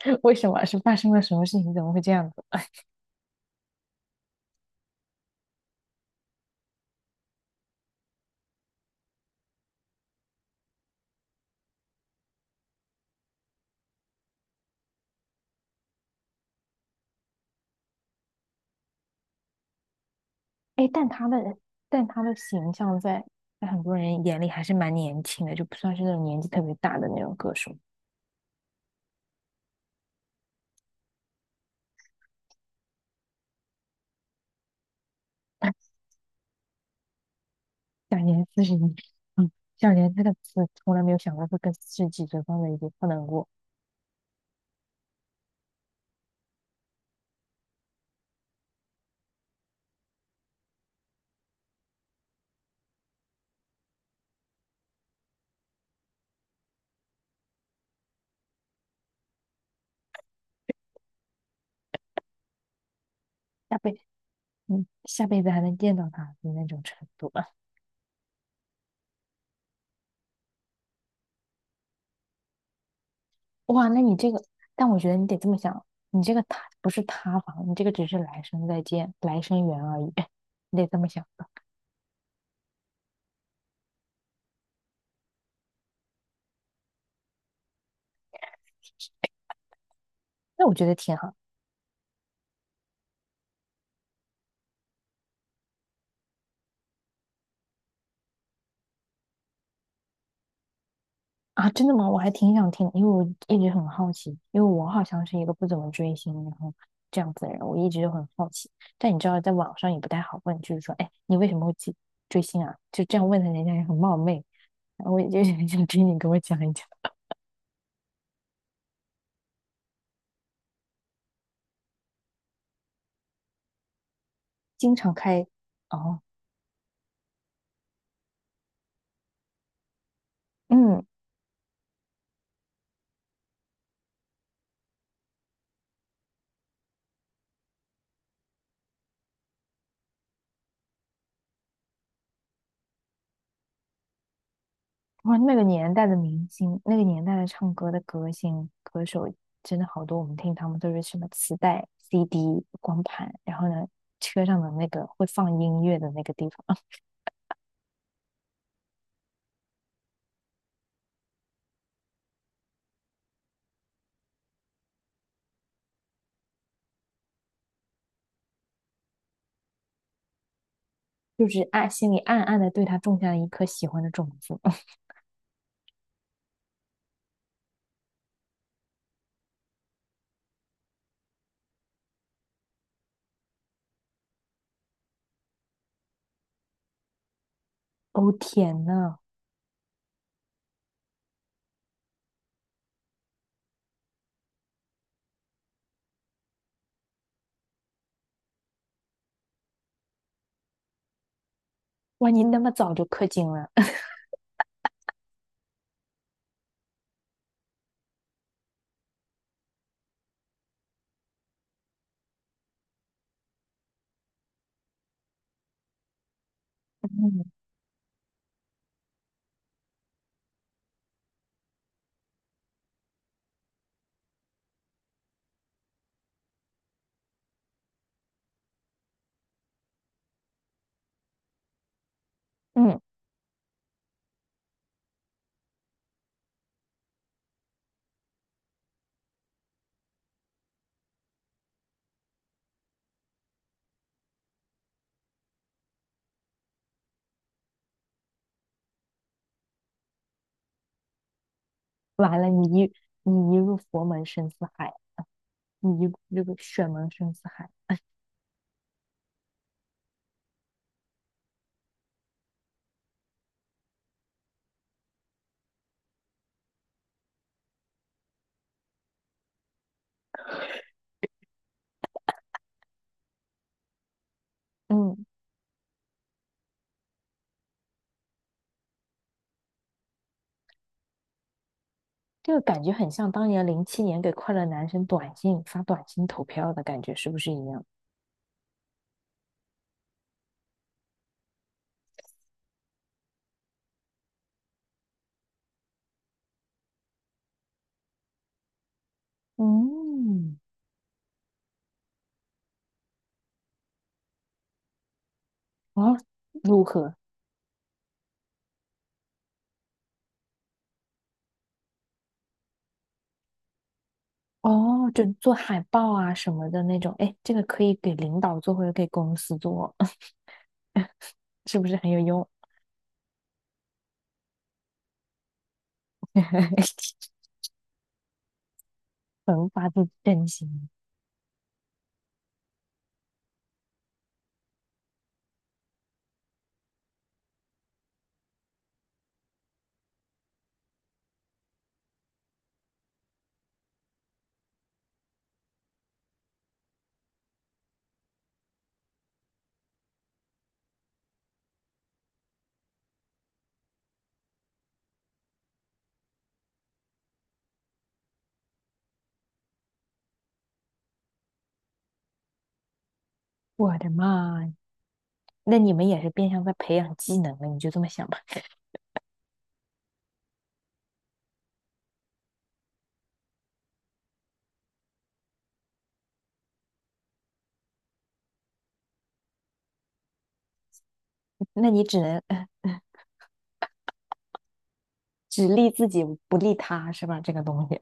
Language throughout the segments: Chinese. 为什么是发生了什么事情？怎么会这样子？哎，但他的形象在很多人眼里还是蛮年轻的，就不算是那种年纪特别大的那种歌手。享年四十一，嗯，享年这个词从来没有想过会跟四十几岁放在一起，不能过下辈，嗯，下辈子还能见到他的那种程度吧。哇，那你这个，但我觉得你得这么想，你这个塌不是塌房，你这个只是来生再见，来生缘而已，你得这么想的。那我觉得挺好。啊，真的吗？我还挺想听，因为我一直很好奇，因为我好像是一个不怎么追星，然后这样子的人，我一直就很好奇。但你知道，在网上也不太好问，就是说，哎，你为什么会去追星啊？就这样问的人家也很冒昧。然后我也就 是很想听你给我讲一讲，经常开，哦，嗯，哇，那个年代的明星，那个年代的唱歌的歌星歌手，真的好多。我们听他们都是什么磁带、CD、光盘，然后呢，车上的那个会放音乐的那个地方。就是暗心里暗暗的对他种下了一颗喜欢的种子。哦天呐，哇，你那么早就氪金了，嗯嗯，完了，你一你一入佛门深似海，你一入这个选门深似海，嗯，这个感觉很像当年零七年给快乐男生短信发短信投票的感觉，是不是一样？嗯，哦，如何？哦，就做海报啊什么的那种，哎，这个可以给领导做或者给公司做，是不是很有用？无法自真心，我的妈呀！那你们也是变相在培养技能了，你就这么想吧？那你只能只利自己不利他，是吧？这个东西，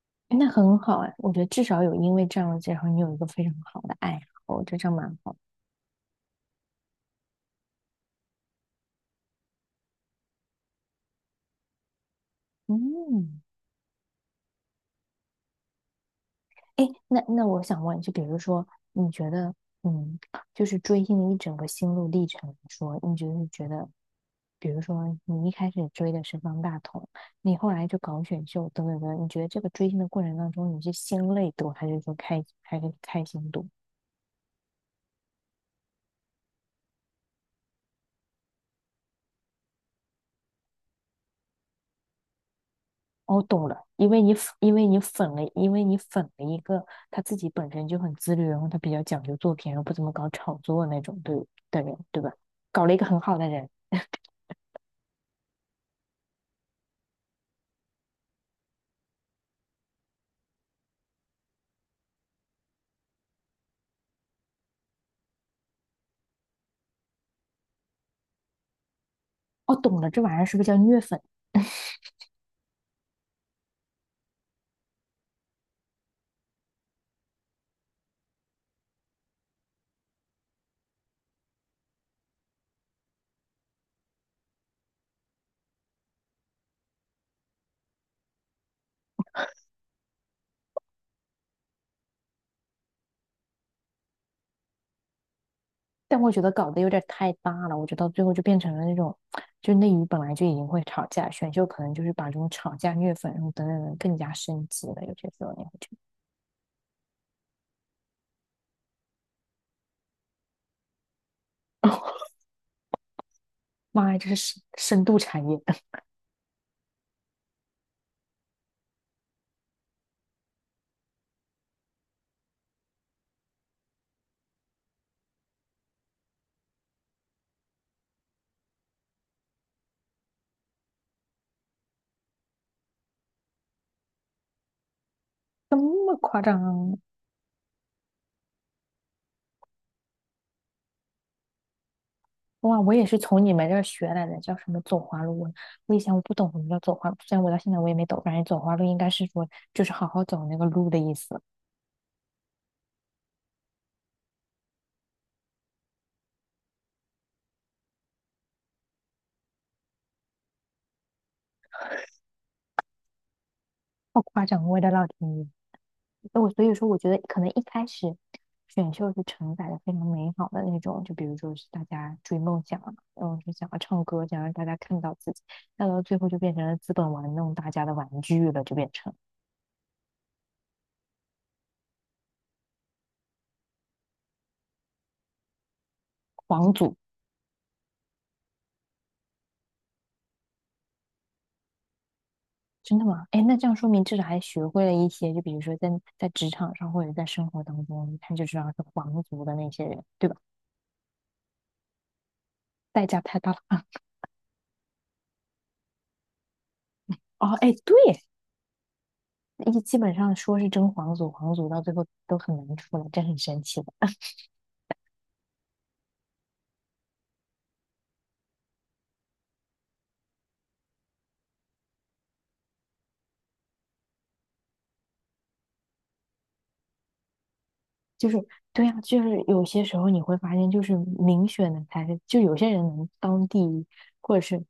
那很好哎，我觉得至少有因为这样的然后你有一个非常好的爱好，这样蛮好。嗯。哎，那那我想问，就比如说，你觉得，嗯，就是追星的一整个心路历程来说，你就是觉得，比如说你一开始追的是方大同，你后来就搞选秀等等等等你觉得这个追星的过程当中，你是心累多，还是说开还是开心多？哦，懂了，因为你粉因为你粉了一个他自己本身就很自律，然后他比较讲究作品，然后不怎么搞炒作那种对的人，对吧？搞了一个很好的人。哦，懂了，这玩意儿是不是叫虐粉？但我觉得搞得有点太大了，我觉得到最后就变成了那种，就内娱本来就已经会吵架，选秀可能就是把这种吵架、虐粉然后等等等更加升级了。有些时候你会觉得 哦，妈呀，这是深深度产业，这么夸张啊哇，我也是从你们这儿学来的，叫什么走花路？我以前我不懂什么叫走花路，虽然我到现在我也没懂，反正走花路应该是说就是好好走那个路的意思。好夸张，我的老天爷！那我所以说，我觉得可能一开始选秀是承载着非常美好的那种，就比如说是大家追梦想啊，然后是想要唱歌，想让大家看到自己，那到最后就变成了资本玩弄大家的玩具了，就变成皇族。真的吗？哎，那这样说明至少还学会了一些，就比如说在职场上或者在生活当中，一看就知道是皇族的那些人，对吧？代价太大了啊！哦，哎，对，一基本上说是争皇族，皇族到最后都很难出来，这很神奇的。就是对呀，就是有些时候你会发现，就是民选的才是，就有些人能当第一，或者是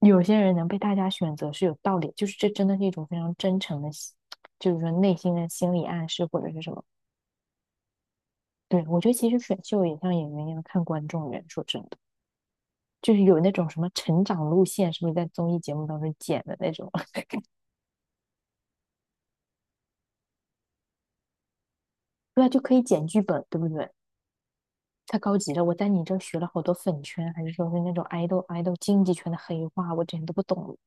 有些人能被大家选择是有道理，就是这真的是一种非常真诚的心，就是说内心的心理暗示或者是什么。对，我觉得其实选秀也像演员一样看观众缘，说真的，就是有那种什么成长路线，是不是在综艺节目当中剪的那种？对啊，就可以剪剧本，对不对？太高级了！我在你这儿学了好多粉圈，还是说是那种爱豆经济圈的黑话，我之前都不懂。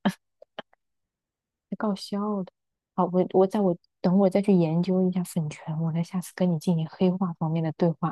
太搞笑的。好，我我在我等我再去研究一下粉拳，我再下次跟你进行黑化方面的对话。